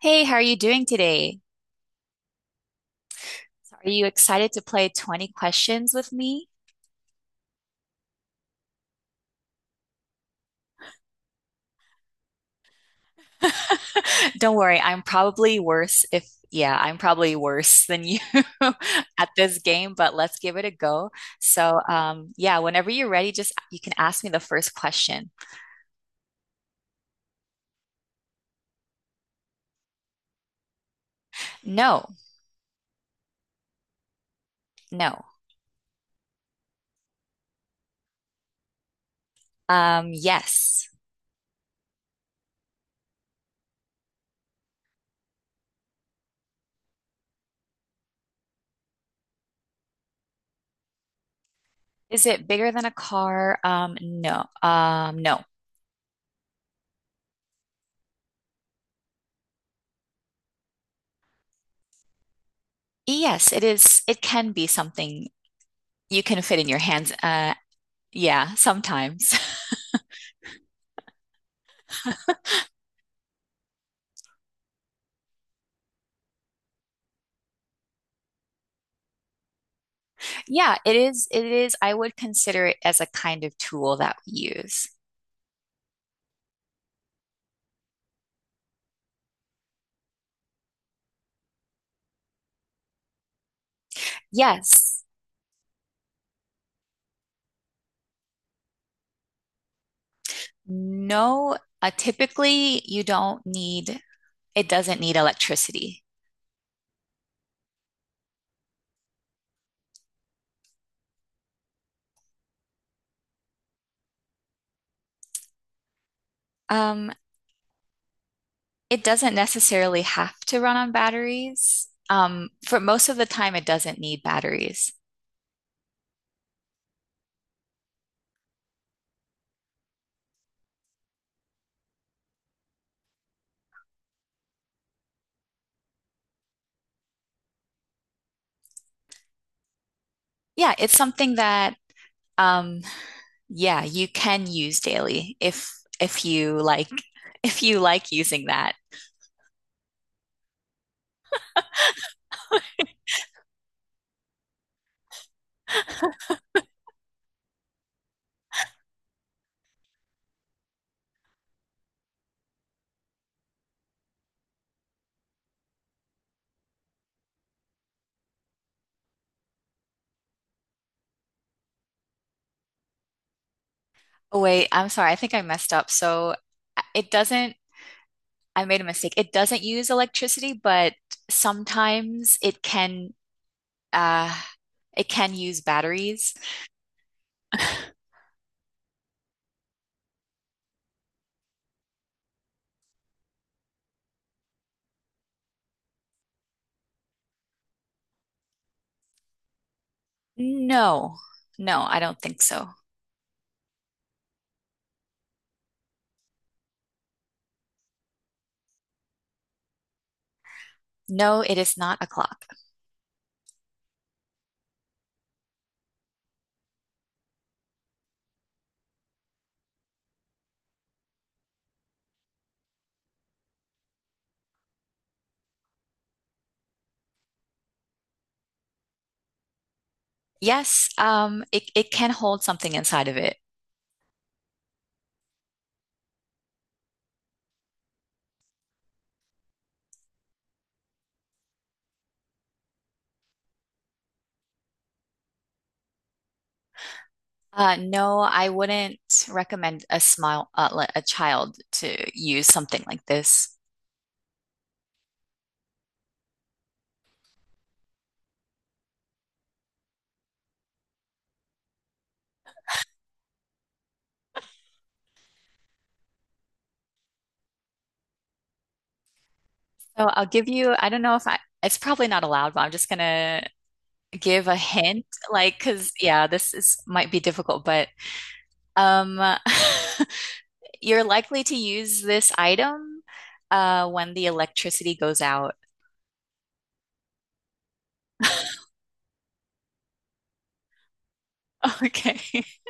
Hey, how are you doing today? Are you excited to play 20 questions with me? Don't worry, I'm probably worse if, yeah, I'm probably worse than you at this game, but let's give it a go. So, whenever you're ready, just you can ask me the first question. No, no. Yes. Is it bigger than a car? No. No. Yes, it is. It can be something you can fit in your hands. Yeah, sometimes. Yeah, it is. It is. I would consider it as a kind of tool that we use. Yes. No. Typically, you don't need, it doesn't need electricity. Um, it doesn't necessarily have to run on batteries. For most of the time, it doesn't need batteries. Yeah, it's something that, um, yeah, you can use daily if you like if you like using that. Oh, wait, I'm sorry. I think I messed up. So it doesn't I made a mistake. It doesn't use electricity, but sometimes uh it can use batteries. No. No, I don't think so. No, it is not a clock. Yes, it can hold something inside of it. Uh, no, I wouldn't recommend a a child to use something like this. So I'll give you, I don't know if I it's probably not allowed, but I'm just gonna give a hint. Like, cause yeah, this is might be difficult, but Um, you're likely to use this item when the electricity goes out. Okay.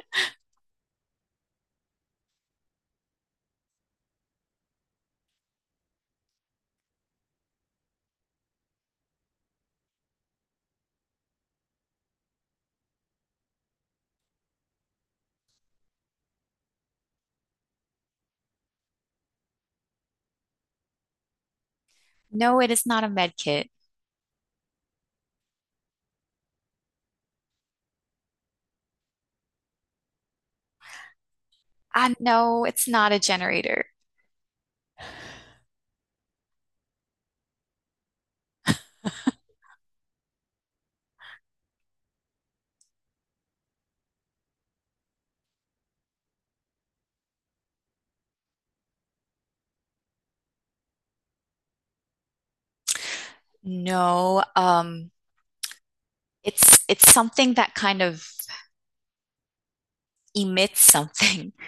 No, it is not a med kit. No, it's not a generator. No, it's something that kind of emits something.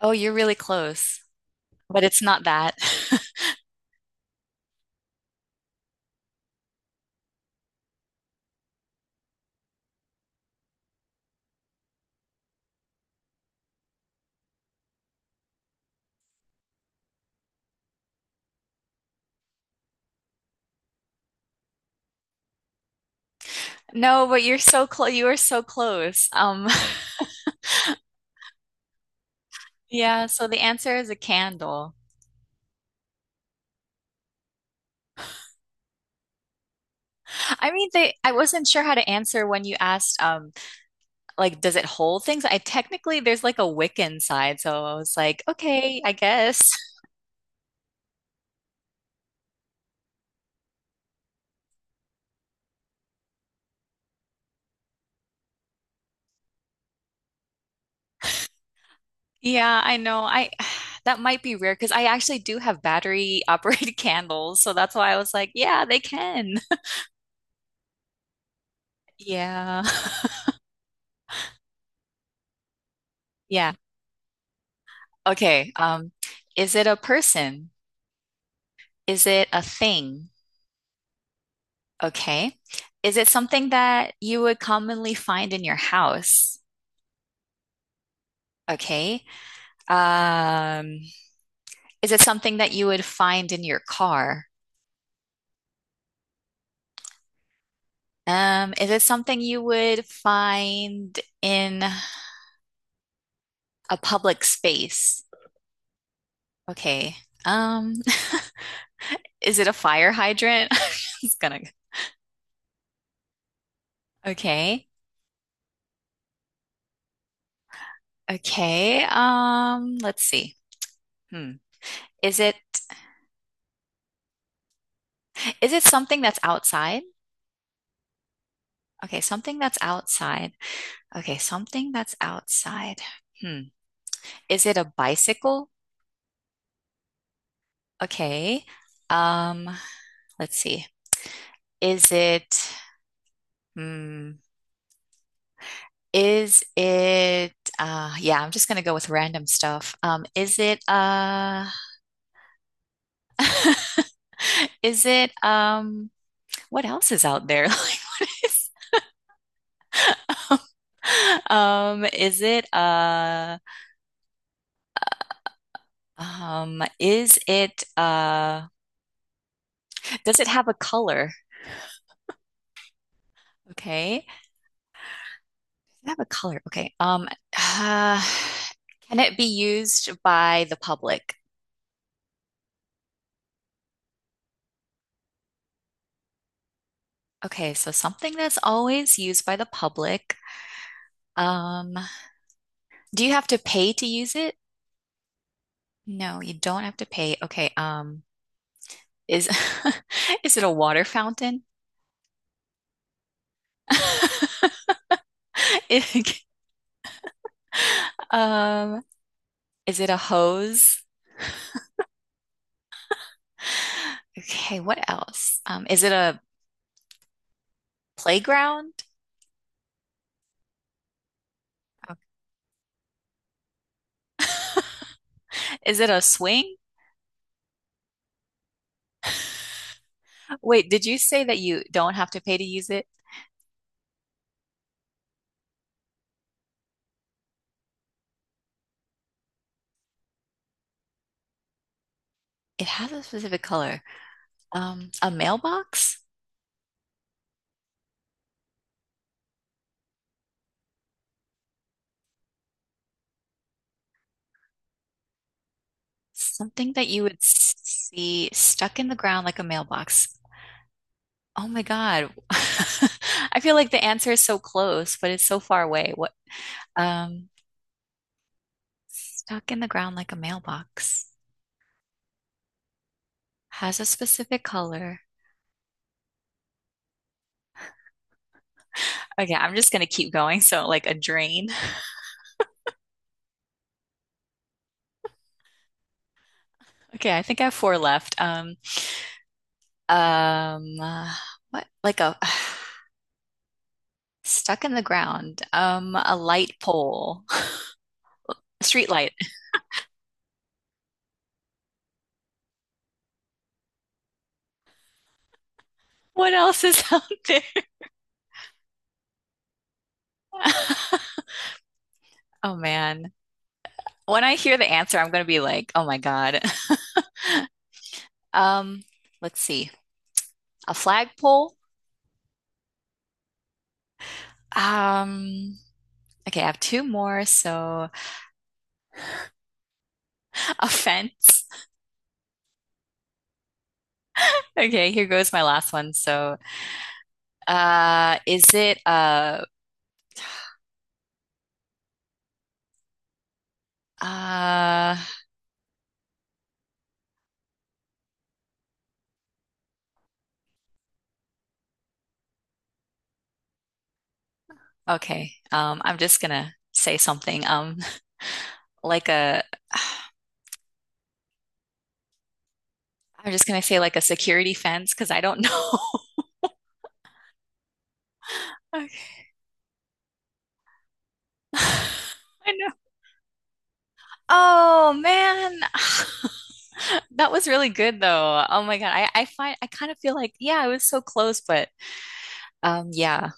Oh, you're really close, but it's not that. No, but you're so close. You are so close. Yeah, so the answer is a candle. I mean, they I wasn't sure how to answer when you asked like does it hold things? I technically there's like a Wiccan side, so I was like, okay, I guess. Yeah, I know. I that might be rare because I actually do have battery operated candles, so that's why I was like, yeah, they can. Yeah. Yeah. Okay. Is it a person? Is it a thing? Okay. Is it something that you would commonly find in your house? Okay. Um, is it something that you would find in your car? Is it something you would find in a public space? Okay. Um, is it a fire hydrant? It's gonna. Okay. Okay. Let's see. Hmm. Is it is it something that's outside? Okay, something that's outside. Okay, something that's outside. Hmm. Is it a bicycle? Okay. Um, let's see. Is it hmm. Is it Yeah, I'm just gonna go with random stuff. Is it is it what else is out there? Like what is is it does it have a color? Okay. Does it have a color? Okay. Uh, can it be used by the public? Okay, so something that's always used by the public. Um Do you have to pay to use it? No, you don't have to pay. Okay, is is it a water fountain? It- um, is it a hose? Okay, what else? Is it a playground? Is it a swing? Wait, did you say that you don't have to pay to use it? It has a specific color. A mailbox? Something that you would see stuck in the ground like a mailbox. Oh my God. I feel like the answer is so close, but it's so far away. Um, Stuck in the ground like a mailbox, has a specific color. Okay, I'm just gonna keep going. So like a drain. Okay, I think I have four left. Um, uh, what? Like a stuck in the ground. A light pole, street light. What else is out there? Oh man. When I hear the answer, I'm gonna be like, oh my God. Um, let's see. A flagpole. Um, okay, I have two more. So a fence. Okay, here goes my last one. So, is it a uh, okay. I'm just gonna say something. Like a, I'm just gonna say like a security fence because I don't know. Okay. I know. Oh man, that was really good though. Oh my God, I find I kind of feel like yeah, I was so close, but yeah.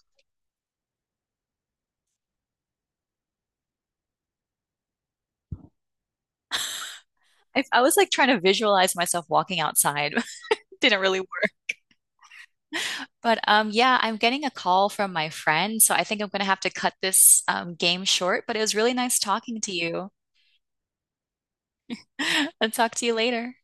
I was like trying to visualize myself walking outside. Didn't really work. But yeah, I'm getting a call from my friend, so I think I'm gonna have to cut this game short. But it was really nice talking to you. I'll talk to you later.